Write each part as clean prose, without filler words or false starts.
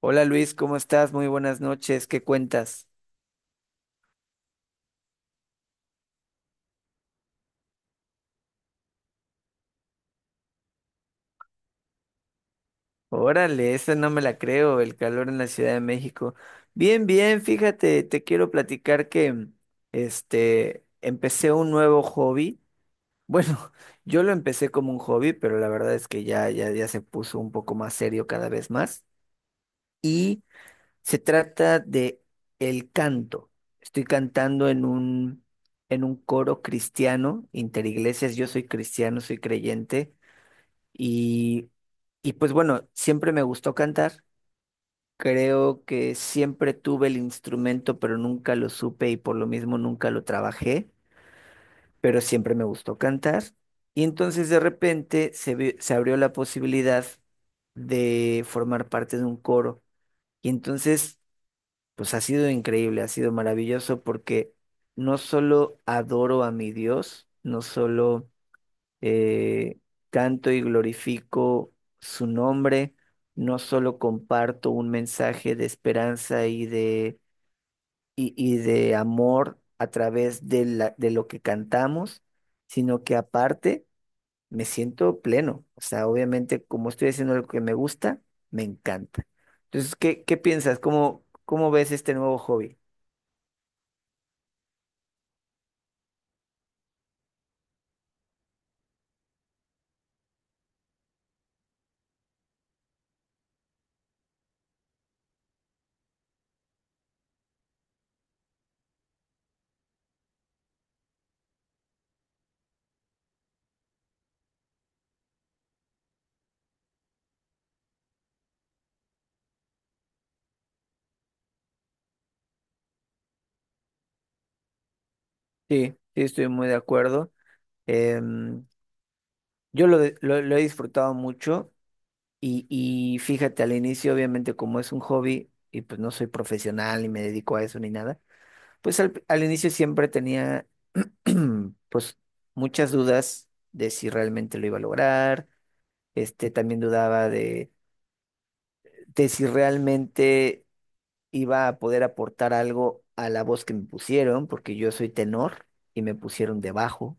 Hola Luis, ¿cómo estás? Muy buenas noches, ¿qué cuentas? Órale, esa no me la creo, el calor en la Ciudad de México. Bien, bien, fíjate, te quiero platicar que empecé un nuevo hobby. Bueno, yo lo empecé como un hobby, pero la verdad es que ya se puso un poco más serio cada vez más y se trata de el canto. Estoy cantando en un coro cristiano, interiglesias. Yo soy cristiano, soy creyente. Y, y pues bueno, siempre me gustó cantar. Creo que siempre tuve el instrumento, pero nunca lo supe y por lo mismo nunca lo trabajé, pero siempre me gustó cantar. Y entonces de repente se abrió la posibilidad de formar parte de un coro. Y entonces, pues ha sido increíble, ha sido maravilloso porque no solo adoro a mi Dios, no solo eh, canto y glorifico su nombre, no solo comparto un mensaje de esperanza y de amor a través de de lo que cantamos, sino que aparte me siento pleno. O sea, obviamente como estoy haciendo lo que me gusta, me encanta. Entonces, ¿qué, qué piensas? ¿Cómo, cómo ves este nuevo hobby? Sí, sí, estoy muy de acuerdo. Em, yo lo, lo he disfrutado mucho. Y fíjate, al inicio, obviamente, como es un hobby y pues no soy profesional ni me dedico a eso ni nada, pues al inicio siempre tenía pues muchas dudas de si realmente lo iba a lograr. También dudaba de si realmente iba a poder aportar algo a la voz que me pusieron, porque yo soy tenor y me pusieron de bajo.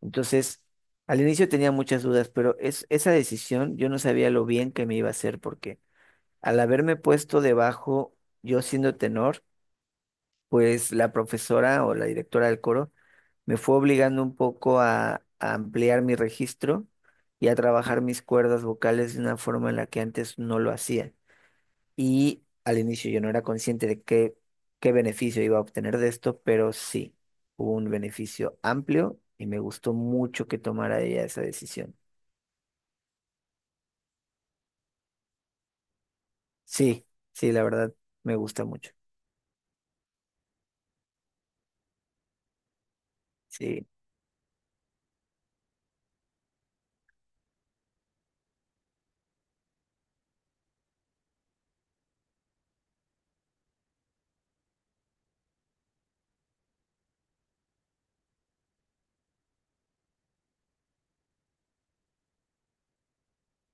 Entonces, al inicio tenía muchas dudas, pero es, esa decisión yo no sabía lo bien que me iba a hacer porque... Al haberme puesto debajo, yo siendo tenor, pues la profesora o la directora del coro me fue obligando un poco a ampliar mi registro y a trabajar mis cuerdas vocales de una forma en la que antes no lo hacía. Y al inicio yo no era consciente de qué, qué beneficio iba a obtener de esto, pero sí, hubo un beneficio amplio y me gustó mucho que tomara ella esa decisión. Sí, sí, la verdad, me gusta mucho. Sí.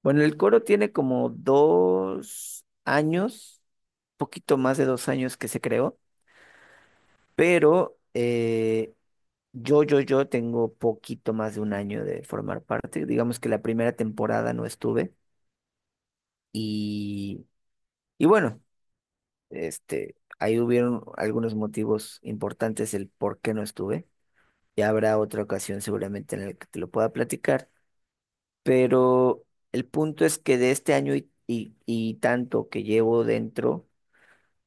Bueno, el coro tiene como dos años, poquito más de dos años que se creó, pero yo tengo poquito más de un año de formar parte. Digamos que la primera temporada no estuve y, y bueno, ahí hubieron algunos motivos importantes el por qué no estuve. Ya habrá otra ocasión seguramente en la que te lo pueda platicar, pero el punto es que de este año y tanto que llevo dentro,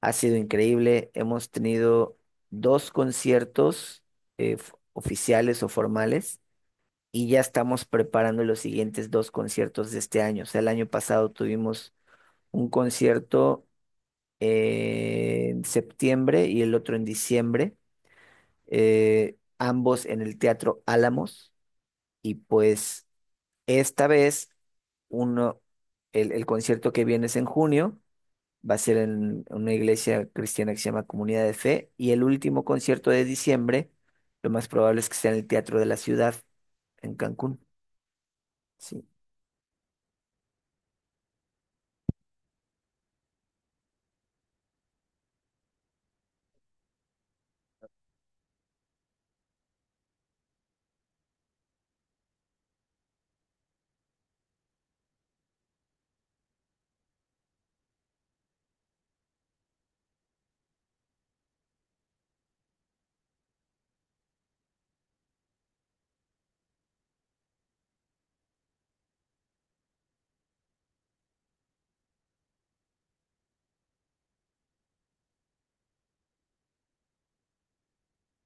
ha sido increíble. Hemos tenido dos conciertos oficiales o formales y ya estamos preparando los siguientes dos conciertos de este año. O sea, el año pasado tuvimos un concierto en septiembre y el otro en diciembre, ambos en el Teatro Álamos. Y pues esta vez uno, el concierto que viene es en junio. Va a ser en una iglesia cristiana que se llama Comunidad de Fe. Y el último concierto de diciembre, lo más probable es que sea en el Teatro de la Ciudad, en Cancún. Sí.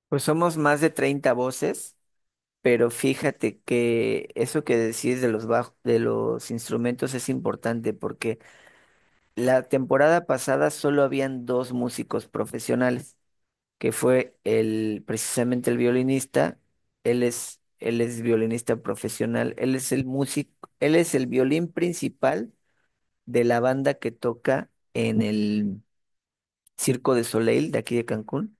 Pues somos más de 30 voces, pero fíjate que eso que decides de los de los instrumentos es importante porque la temporada pasada solo habían dos músicos profesionales, que fue el, precisamente el violinista. Él es violinista profesional, él es el músico, él es el violín principal de la banda que toca en el Circo de Soleil de aquí de Cancún.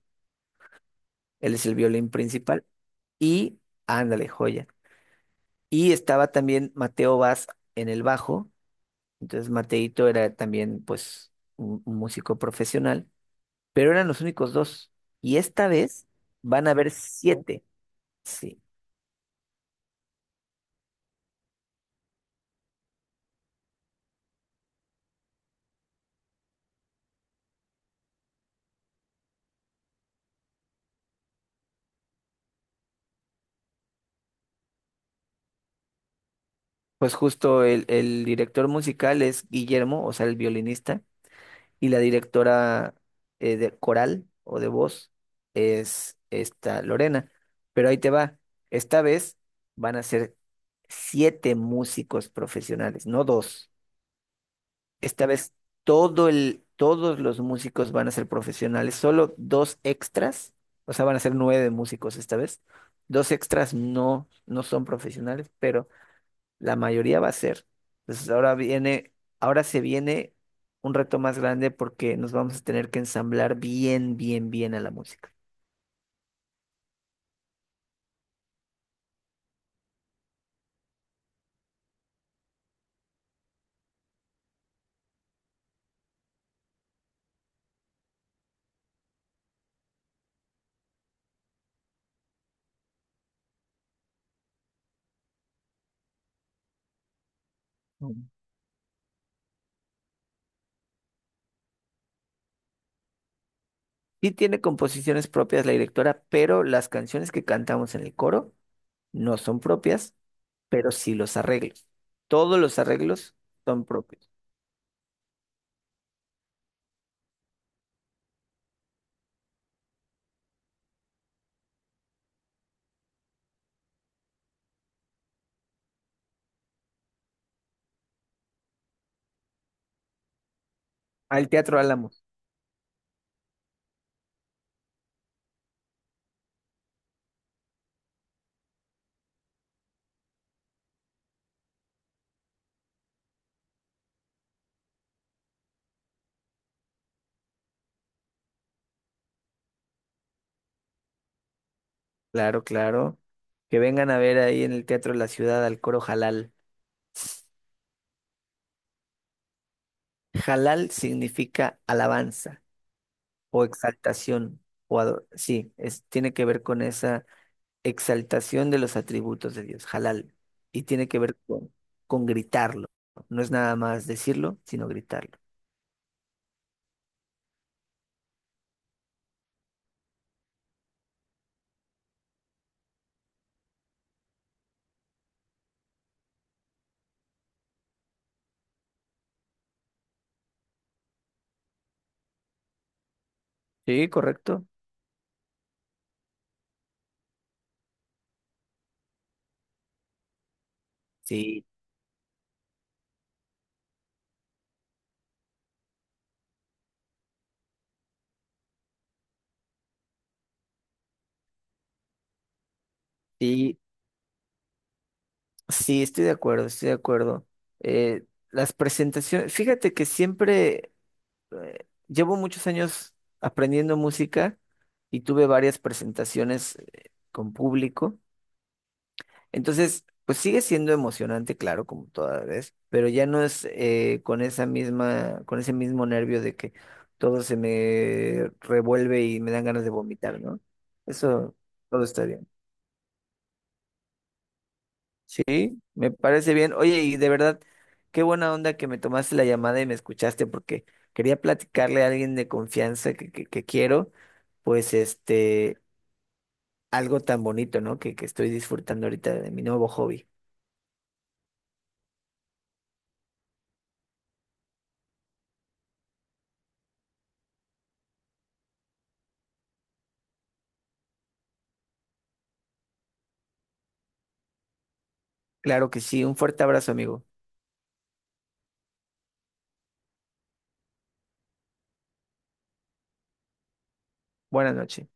Él es el violín principal y, ándale, joya. Y estaba también Mateo Vaz en el bajo, entonces Mateito era también pues un músico profesional, pero eran los únicos dos. Y esta vez van a haber siete. Sí. Pues justo el director musical es Guillermo, o sea, el violinista, y la directora de coral o de voz es esta Lorena. Pero ahí te va, esta vez van a ser siete músicos profesionales, no dos. Esta vez todos los músicos van a ser profesionales, solo dos extras, o sea, van a ser nueve músicos esta vez. Dos extras no, no son profesionales, pero la mayoría va a ser. Entonces ahora viene, ahora se viene un reto más grande porque nos vamos a tener que ensamblar bien, bien, bien a la música. Mm. Sí tiene composiciones propias la directora, pero las canciones que cantamos en el coro no son propias, pero sí los arreglos. Todos los arreglos son propios. Al Teatro Álamo. Claro, claro. Que vengan a ver ahí en el Teatro de la Ciudad al coro Jalal. Jalal significa alabanza, o exaltación, sí, es, tiene que ver con esa exaltación de los atributos de Dios, halal, y tiene que ver con gritarlo. No es nada más decirlo, sino gritarlo. Sí, correcto. Sí, sí, sí, estoy de acuerdo, estoy de acuerdo. Eh, las presentaciones, fíjate que siempre llevo muchos años aprendiendo música y tuve varias presentaciones con público. Entonces, pues sigue siendo emocionante, claro, como toda vez, pero ya no es con esa misma, con ese mismo nervio de que todo se me revuelve y me dan ganas de vomitar, ¿no? Eso todo está bien. Sí, me parece bien. Oye, y de verdad, qué buena onda que me tomaste la llamada y me escuchaste porque quería platicarle a alguien de confianza que quiero, pues algo tan bonito, ¿no? Que estoy disfrutando ahorita de mi nuevo hobby. Claro que sí, un fuerte abrazo, amigo. Buenas noches.